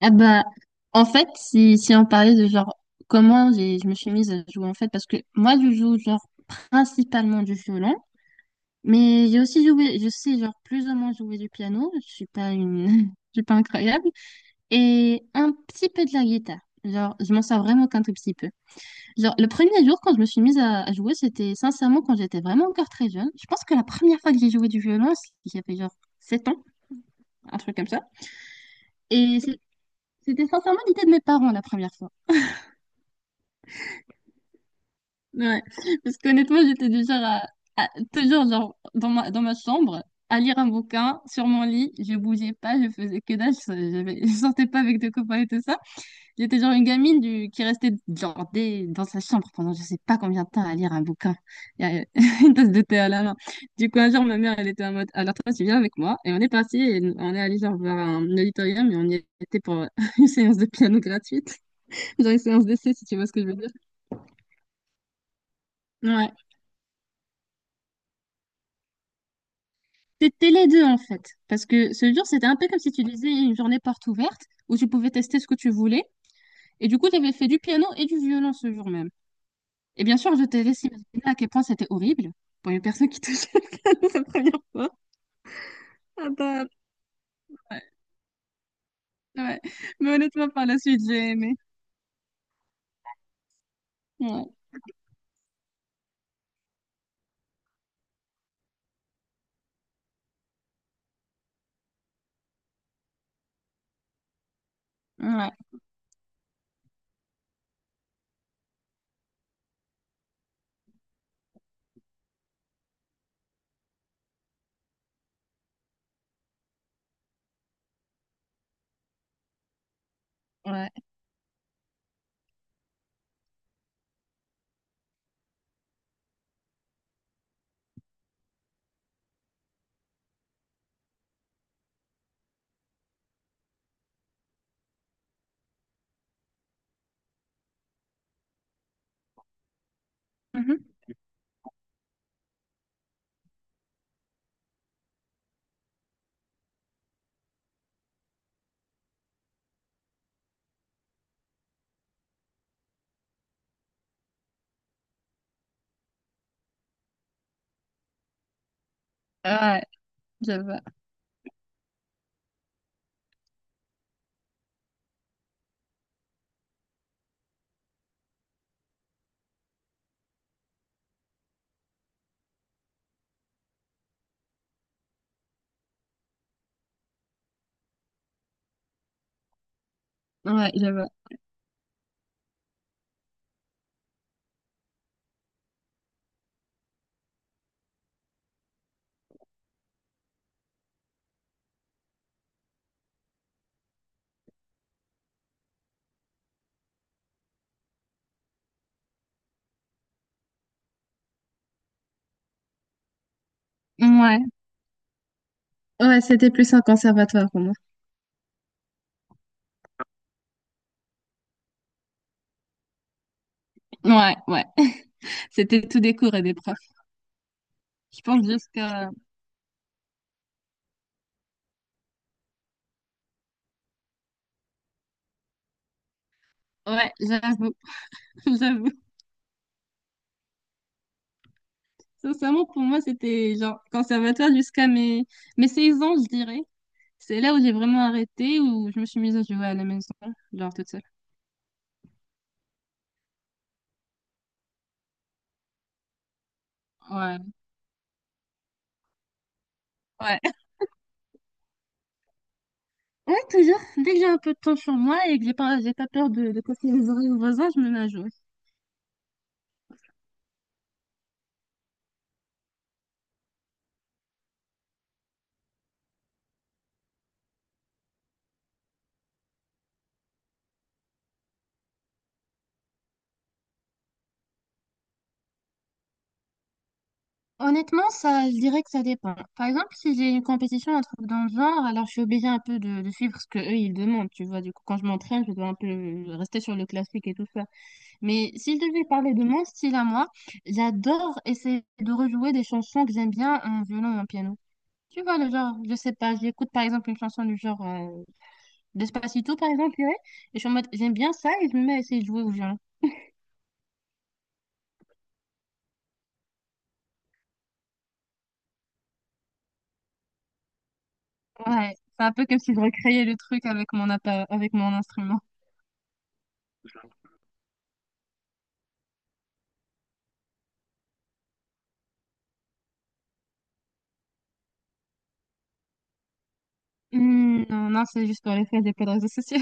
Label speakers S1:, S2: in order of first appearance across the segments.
S1: Ah bah, en fait, si on parlait de genre comment je me suis mise à jouer en fait, parce que moi je joue genre principalement du violon, mais j'ai aussi joué, je sais genre plus ou moins jouer du piano, je suis pas une, je suis pas incroyable, et un petit peu de la guitare. Genre, je m'en sers vraiment qu'un tout petit peu. Genre, le premier jour quand je me suis mise à jouer, c'était sincèrement quand j'étais vraiment encore très jeune. Je pense que la première fois que j'ai joué du violon, j'avais genre 7 ans, un truc comme ça. Et c'est- C'était sincèrement l'idée de mes parents la première fois. Ouais, parce qu'honnêtement, j'étais du genre à- toujours genre dans ma chambre, à lire un bouquin sur mon lit, je bougeais pas, je faisais que dalle, je sortais pas avec des copains et tout ça. J'étais genre qui restait dans sa chambre pendant je sais pas combien de temps à lire un bouquin, et à- une tasse de thé à la main. Du coup, un jour, ma mère, elle était en mode, alors toi, tu viens avec moi, et on est parti, et on est allé genre vers un auditorium, et on y était pour une séance de piano gratuite, genre une séance d'essai, si tu vois ce que je veux dire. C'était les deux en fait, parce que ce jour, c'était un peu comme si tu disais une journée porte ouverte où tu pouvais tester ce que tu voulais. Et du coup, tu avais fait du piano et du violon ce jour même. Et bien sûr, je te laisse imaginer à quel point c'était horrible pour une personne qui touchait le piano la première fois. Ah bah, ouais, ouais. Mais honnêtement, par la suite, j'ai aimé. Ouais, ouais, ouais. Mhm. Ouais, j'avoue. Ouais, j'avoue. Ouais, ouais, c'était plus un conservatoire pour moi. Ouais, ouais. C'était tout des cours et des profs. Je pense jusqu'à... Ouais, j'avoue, j'avoue. Sincèrement, pour moi, c'était genre conservatoire mes 16 ans, je dirais. C'est là où j'ai vraiment arrêté, où je me suis mise à jouer à la maison, genre toute seule. Ouais. Ouais. Ouais, toujours. Dès que j'ai un peu de temps sur moi et que j'ai pas peur de casser les oreilles aux voisins, je me mets à jouer. Honnêtement, ça, je dirais que ça dépend. Par exemple, si j'ai une compétition, un truc dans le genre, alors je suis obligée un peu de suivre ce que eux ils demandent, tu vois. Du coup, quand je m'entraîne, je dois un peu rester sur le classique et tout ça. Mais si je devais parler de mon style à moi, j'adore essayer de rejouer des chansons que j'aime bien en violon ou en piano. Tu vois, le genre, je sais pas, j'écoute par exemple une chanson du genre Despacito, par exemple, ouais, et je suis en mode, j'aime bien ça, et je me mets à essayer de jouer au violon. Ouais, c'est un peu comme si je recréais le truc avec mon instrument. Non, c'est juste pour les faire des plaies de réseaux sociaux.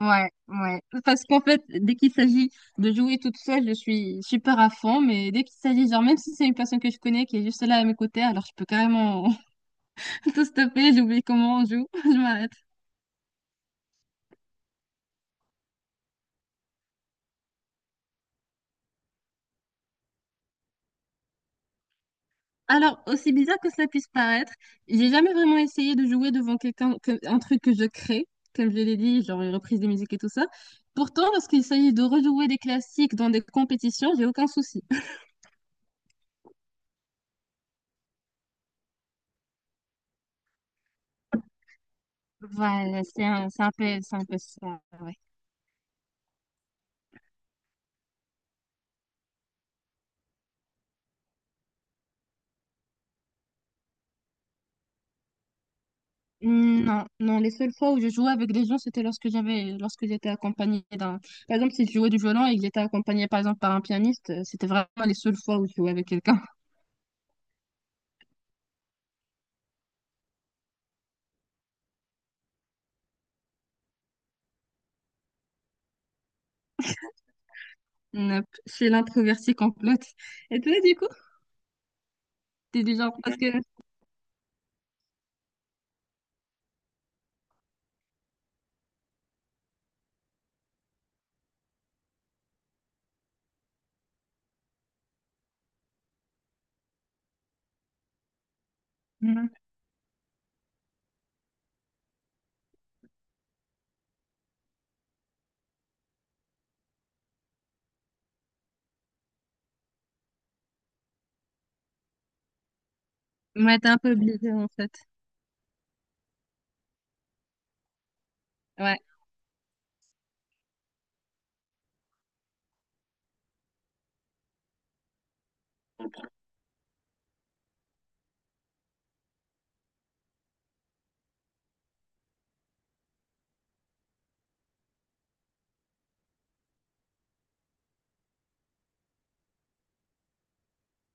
S1: Ouais, ouais. Parce qu'en fait, dès qu'il s'agit de jouer toute seule, je suis super à fond, mais dès qu'il s'agit, genre, même si c'est une personne que je connais qui est juste là à mes côtés, alors je peux carrément tout stopper, j'oublie comment on joue, je m'arrête. Alors, aussi bizarre que cela puisse paraître, j'ai jamais vraiment essayé de jouer devant quelqu'un, un truc que je crée, comme je l'ai dit, genre une reprise de musique et tout ça. Pourtant, lorsqu'il s'agit de rejouer des classiques dans des compétitions, j'ai aucun souci. Voilà, c'est un peu ça, ouais. Non, non, les seules fois où je jouais avec des gens, c'était lorsque j'étais accompagnée d'un, par exemple, si je jouais du violon et que j'étais accompagnée, par exemple, par un pianiste, c'était vraiment les seules fois où je jouais avec quelqu'un. Nope. Je suis l'introvertie complète. Et toi, du coup, t'es du genre, parce que, Mhm. Ouais, t'es un peu obligée, en fait. Ouais,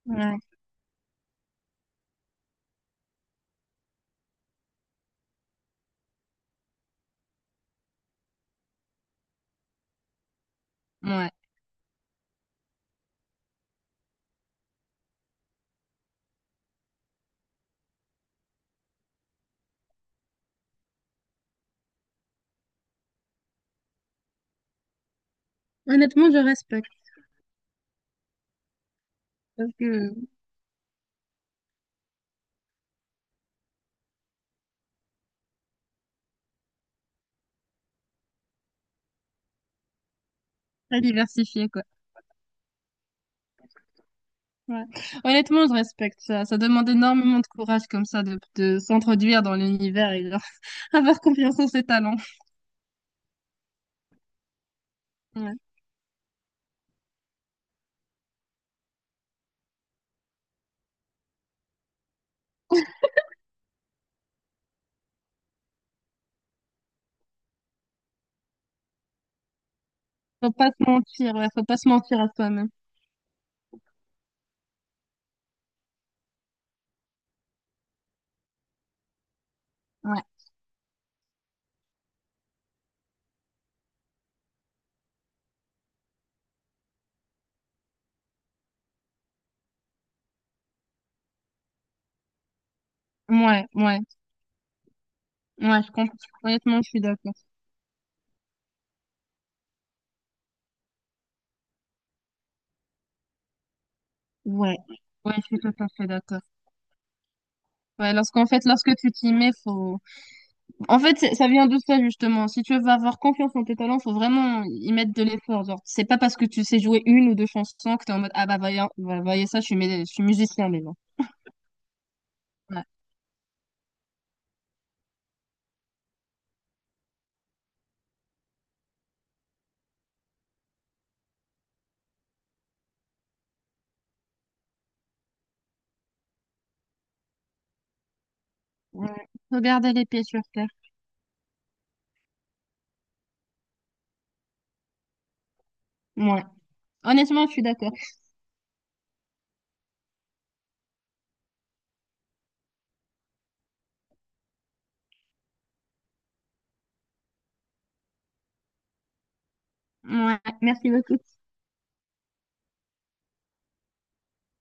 S1: ouais, ouais. Honnêtement, je respecte, parce que, très diversifié, quoi. Ouais. Honnêtement, je respecte ça. Ça demande énormément de courage, comme ça, de s'introduire dans l'univers et genre, avoir confiance en ses talents. Ouais. Faut pas se mentir, ouais, faut pas se mentir à soi-même. Ouais, ouais, ouais, ouais, je comprends. Honnêtement, je suis d'accord. Ouais, ouais, je suis tout à fait d'accord. Ouais, lorsqu'en fait, lorsque tu t'y mets, faut. En fait, ça vient de ça, justement. Si tu veux avoir confiance en tes talents, faut vraiment y mettre de l'effort. Genre, c'est pas parce que tu sais jouer une ou deux chansons que t'es en mode, ah bah, voyez, voyez ça, je suis musicien, mais non. Ouais, ouais. Faut garder les pieds sur terre. Ouais. Honnêtement, je suis d'accord. Ouais, merci beaucoup.